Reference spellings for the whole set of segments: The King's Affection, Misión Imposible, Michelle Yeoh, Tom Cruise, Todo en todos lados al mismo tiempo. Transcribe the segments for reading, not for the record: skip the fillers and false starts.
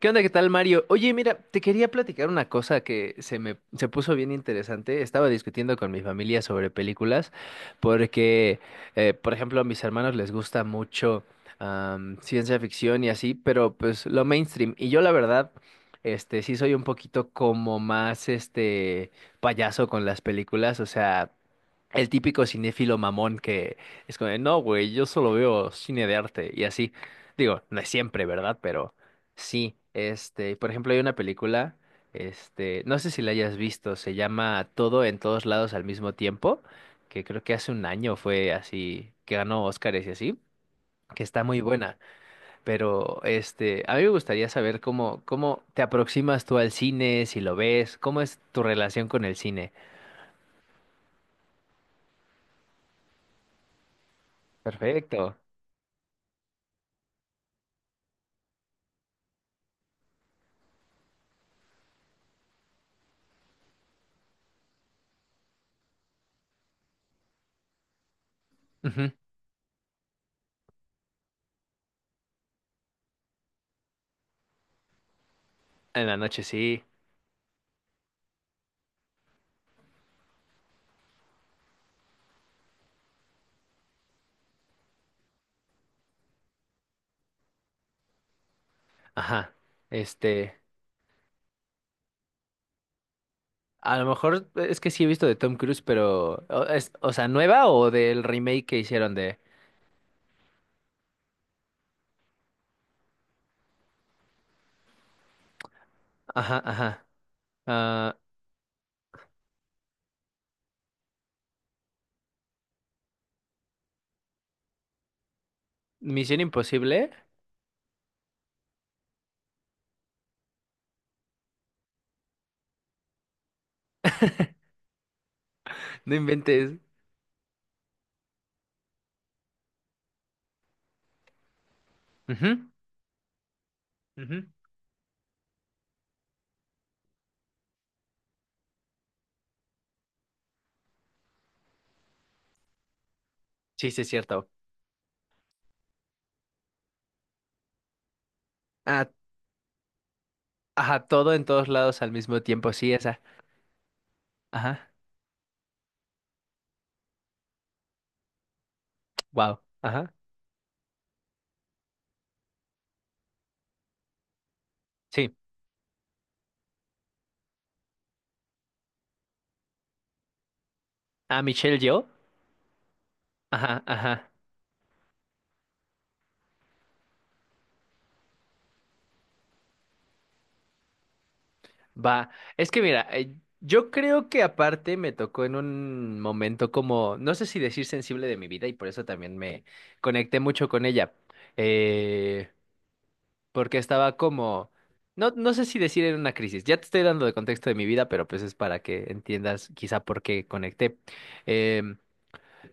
¿Qué onda? ¿Qué tal, Mario? Oye, mira, te quería platicar una cosa que se me se puso bien interesante. Estaba discutiendo con mi familia sobre películas porque, por ejemplo, a mis hermanos les gusta mucho ciencia ficción y así, pero pues lo mainstream. Y yo la verdad, sí soy un poquito como más, payaso con las películas. O sea, el típico cinéfilo mamón que es como, de, no, güey, yo solo veo cine de arte y así. Digo, no es siempre, ¿verdad? Pero sí, por ejemplo, hay una película, no sé si la hayas visto, se llama Todo en Todos Lados al Mismo Tiempo, que creo que hace un año fue así, que ganó Óscares y así, que está muy buena. Pero, a mí me gustaría saber cómo te aproximas tú al cine, si lo ves, cómo es tu relación con el cine. Perfecto. Ujú. En la noche sí. Ajá. Este, a lo mejor es que sí he visto de Tom Cruise, pero es, o sea, nueva o del remake que hicieron de ajá, ajá. Ah, Misión Imposible. No inventes. Ujú, ujú. Sí, sí es cierto. Ah, ajá, todo en todos lados al mismo tiempo, sí, esa. Ajá. Wow. Ajá. Sí. Ah, Michelle Yeoh. Ajá, ajá. Va, es que mira, yo creo que aparte me tocó en un momento como, no sé si decir sensible de mi vida y por eso también me conecté mucho con ella, eh, porque estaba como, no sé si decir en una crisis, ya te estoy dando de contexto de mi vida, pero pues es para que entiendas quizá por qué conecté. Em,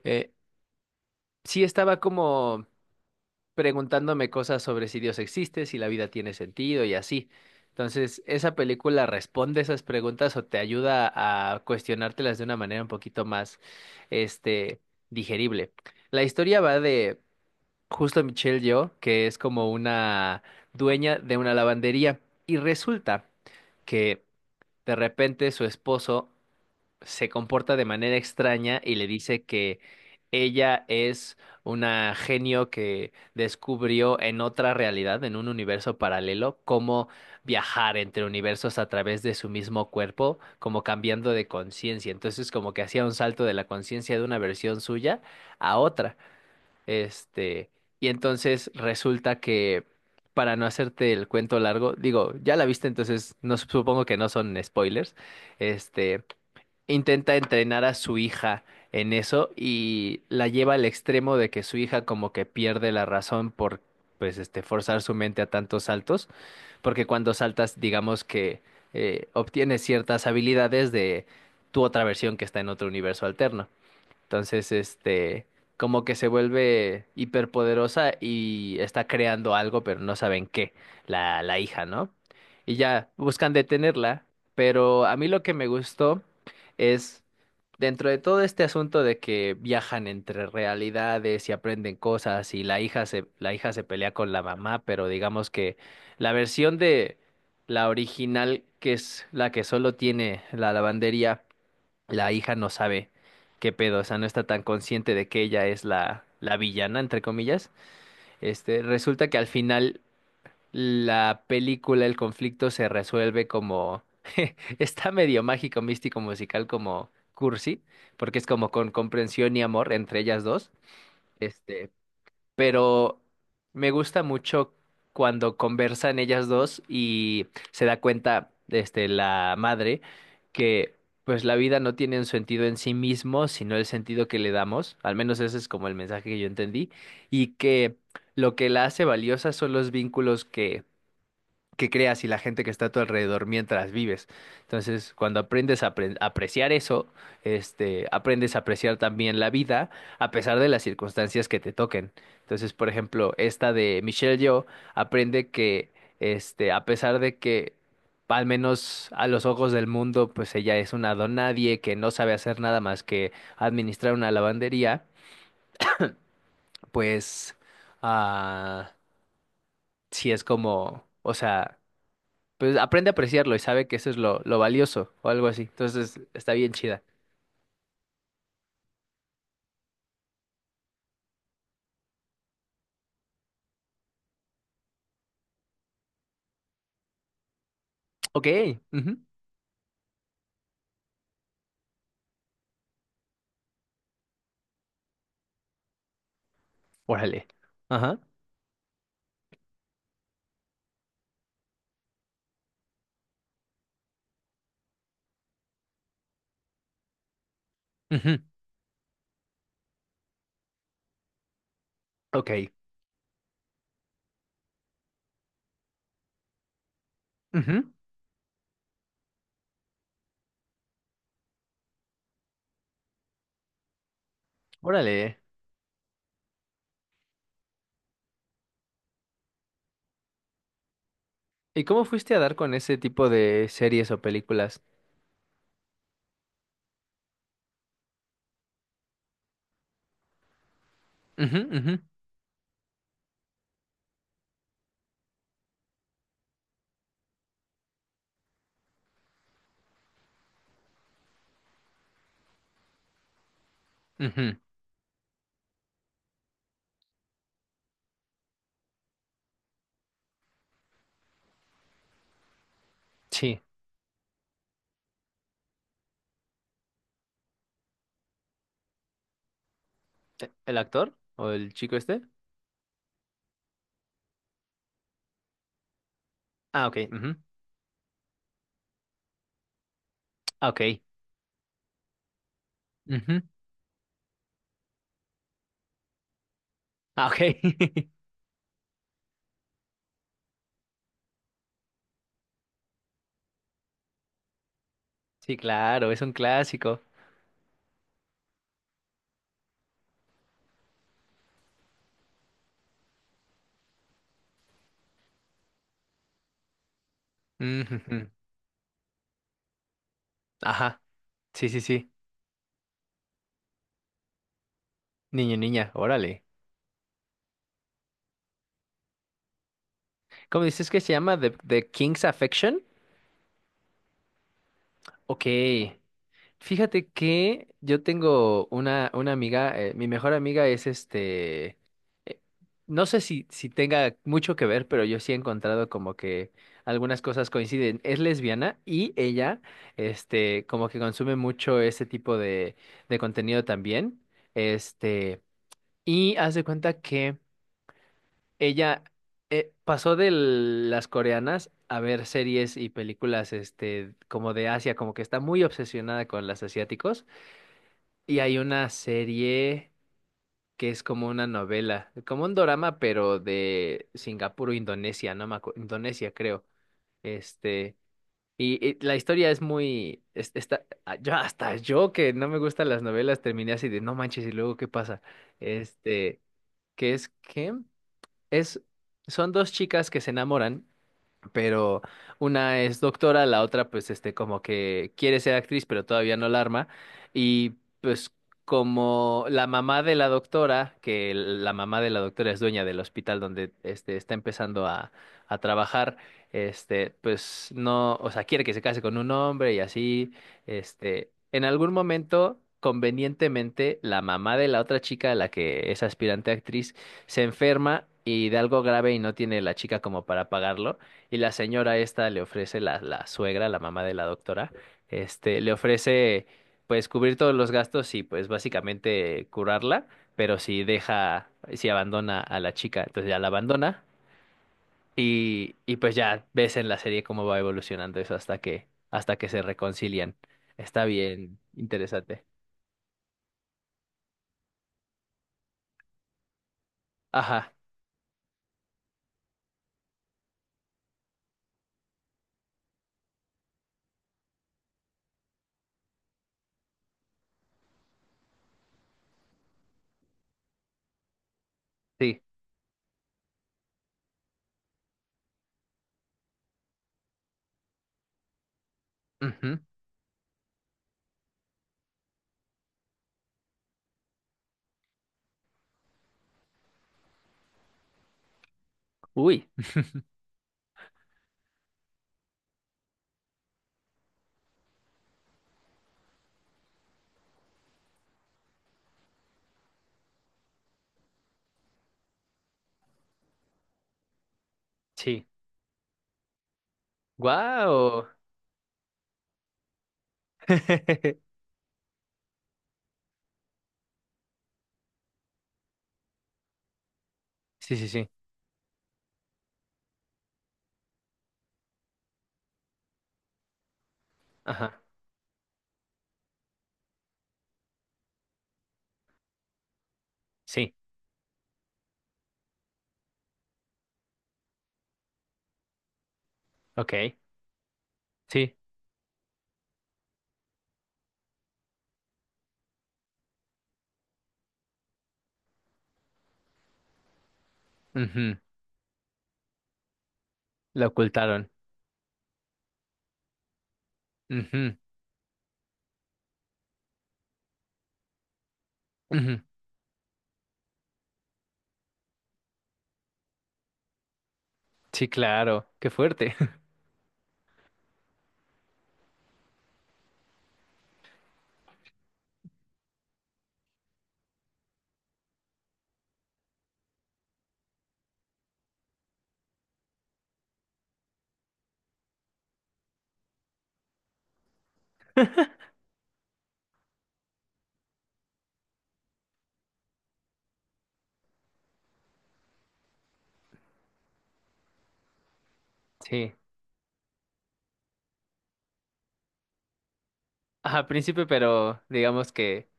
eh, sí estaba como preguntándome cosas sobre si Dios existe, si la vida tiene sentido y así. Entonces, esa película responde esas preguntas o te ayuda a cuestionártelas de una manera un poquito más, este, digerible. La historia va de justo Michelle Yeoh, que es como una dueña de una lavandería y resulta que de repente su esposo se comporta de manera extraña y le dice que ella es una genio que descubrió en otra realidad, en un universo paralelo, cómo viajar entre universos a través de su mismo cuerpo, como cambiando de conciencia. Entonces, como que hacía un salto de la conciencia de una versión suya a otra. Este, y entonces resulta que para no hacerte el cuento largo, digo, ya la viste, entonces no supongo que no son spoilers. Este, intenta entrenar a su hija en eso y la lleva al extremo de que su hija como que pierde la razón por pues este forzar su mente a tantos saltos, porque cuando saltas digamos que obtienes ciertas habilidades de tu otra versión que está en otro universo alterno. Entonces, como que se vuelve hiperpoderosa y está creando algo, pero no saben qué, la hija, ¿no? Y ya buscan detenerla, pero a mí lo que me gustó es, dentro de todo este asunto de que viajan entre realidades y aprenden cosas y la hija se pelea con la mamá, pero digamos que la versión de la original, que es la que solo tiene la lavandería, la hija no sabe qué pedo, o sea, no está tan consciente de que ella es la villana, entre comillas. Resulta que al final la película, el conflicto se resuelve como, está medio mágico, místico, musical, como cursi, porque es como con comprensión y amor entre ellas dos. Este, pero me gusta mucho cuando conversan ellas dos y se da cuenta, la madre, que pues la vida no tiene un sentido en sí mismo, sino el sentido que le damos, al menos ese es como el mensaje que yo entendí, y que lo que la hace valiosa son los vínculos que creas y la gente que está a tu alrededor mientras vives. Entonces, cuando aprendes a apreciar eso, aprendes a apreciar también la vida a pesar de las circunstancias que te toquen. Entonces, por ejemplo, esta de Michelle Yeoh aprende que, a pesar de que al menos a los ojos del mundo, pues ella es una donadie que no sabe hacer nada más que administrar una lavandería, pues ah, sí es como, o sea pues aprende a apreciarlo y sabe que eso es lo valioso o algo así. Entonces está bien chida. Ok, ujú, órale. Ajá. Ujú, ok. Ujú, órale. ¿Y cómo fuiste a dar con ese tipo de series o películas? Ujú, ujú, ujú, sí. ¿E- ¿El actor o el chico este? Ah, ok. Ujú, ah, ok. Ujú, ah, ok. Sí, claro, es un clásico. Ujujú, ajá. Sí, sí, sí. Niño, niña, órale. ¿Cómo dices que se llama? The King's Affection. Ok, fíjate que yo tengo una amiga, mi mejor amiga es eh, no sé si tenga mucho que ver, pero yo sí he encontrado como que algunas cosas coinciden. Es lesbiana y ella, como que consume mucho ese tipo de contenido también. Este, y haz de cuenta que ella pasó de las coreanas a ver series y películas este, como de Asia, como que está muy obsesionada con las asiáticos. Y hay una serie que es como una novela, como un dorama, pero de Singapur o Indonesia, no me acuerdo, Indonesia creo. Este, y la historia es muy, está, ah, yo hasta yo que no me gustan las novelas terminé así de no manches y luego qué pasa. Este, que es, son dos chicas que se enamoran pero una es doctora, la otra pues este como que quiere ser actriz pero todavía no la arma y pues como la mamá de la doctora, que la mamá de la doctora es dueña del hospital donde este está empezando a trabajar, este pues no, o sea, quiere que se case con un hombre y así, en algún momento convenientemente, la mamá de la otra chica, la que es aspirante a actriz, se enferma y de algo grave y no tiene la chica como para pagarlo. Y la señora esta le ofrece, la suegra, la mamá de la doctora, le ofrece pues cubrir todos los gastos y pues básicamente curarla, pero si deja, si abandona a la chica, entonces ya la abandona y pues ya ves en la serie cómo va evolucionando eso hasta hasta que se reconcilian. Está bien, interesante. Ajá, sí. Ujú, uy, sí. Guau. Sí, sí, sí. Ajá, sí. Ok, sí. Ujú. La ocultaron. Ujú, ujú. Sí, claro. Qué fuerte. Sí. Ajá, príncipe, pero digamos que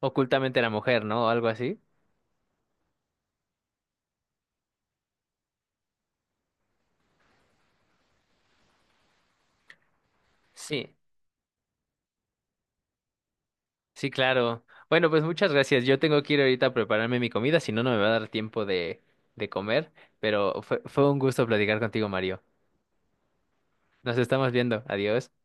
ocultamente era mujer, ¿no? O algo así. Sí, sí, claro. Bueno, pues muchas gracias. Yo tengo que ir ahorita a prepararme mi comida, si no, no me va a dar tiempo de comer. Pero fue un gusto platicar contigo, Mario. Nos estamos viendo. Adiós.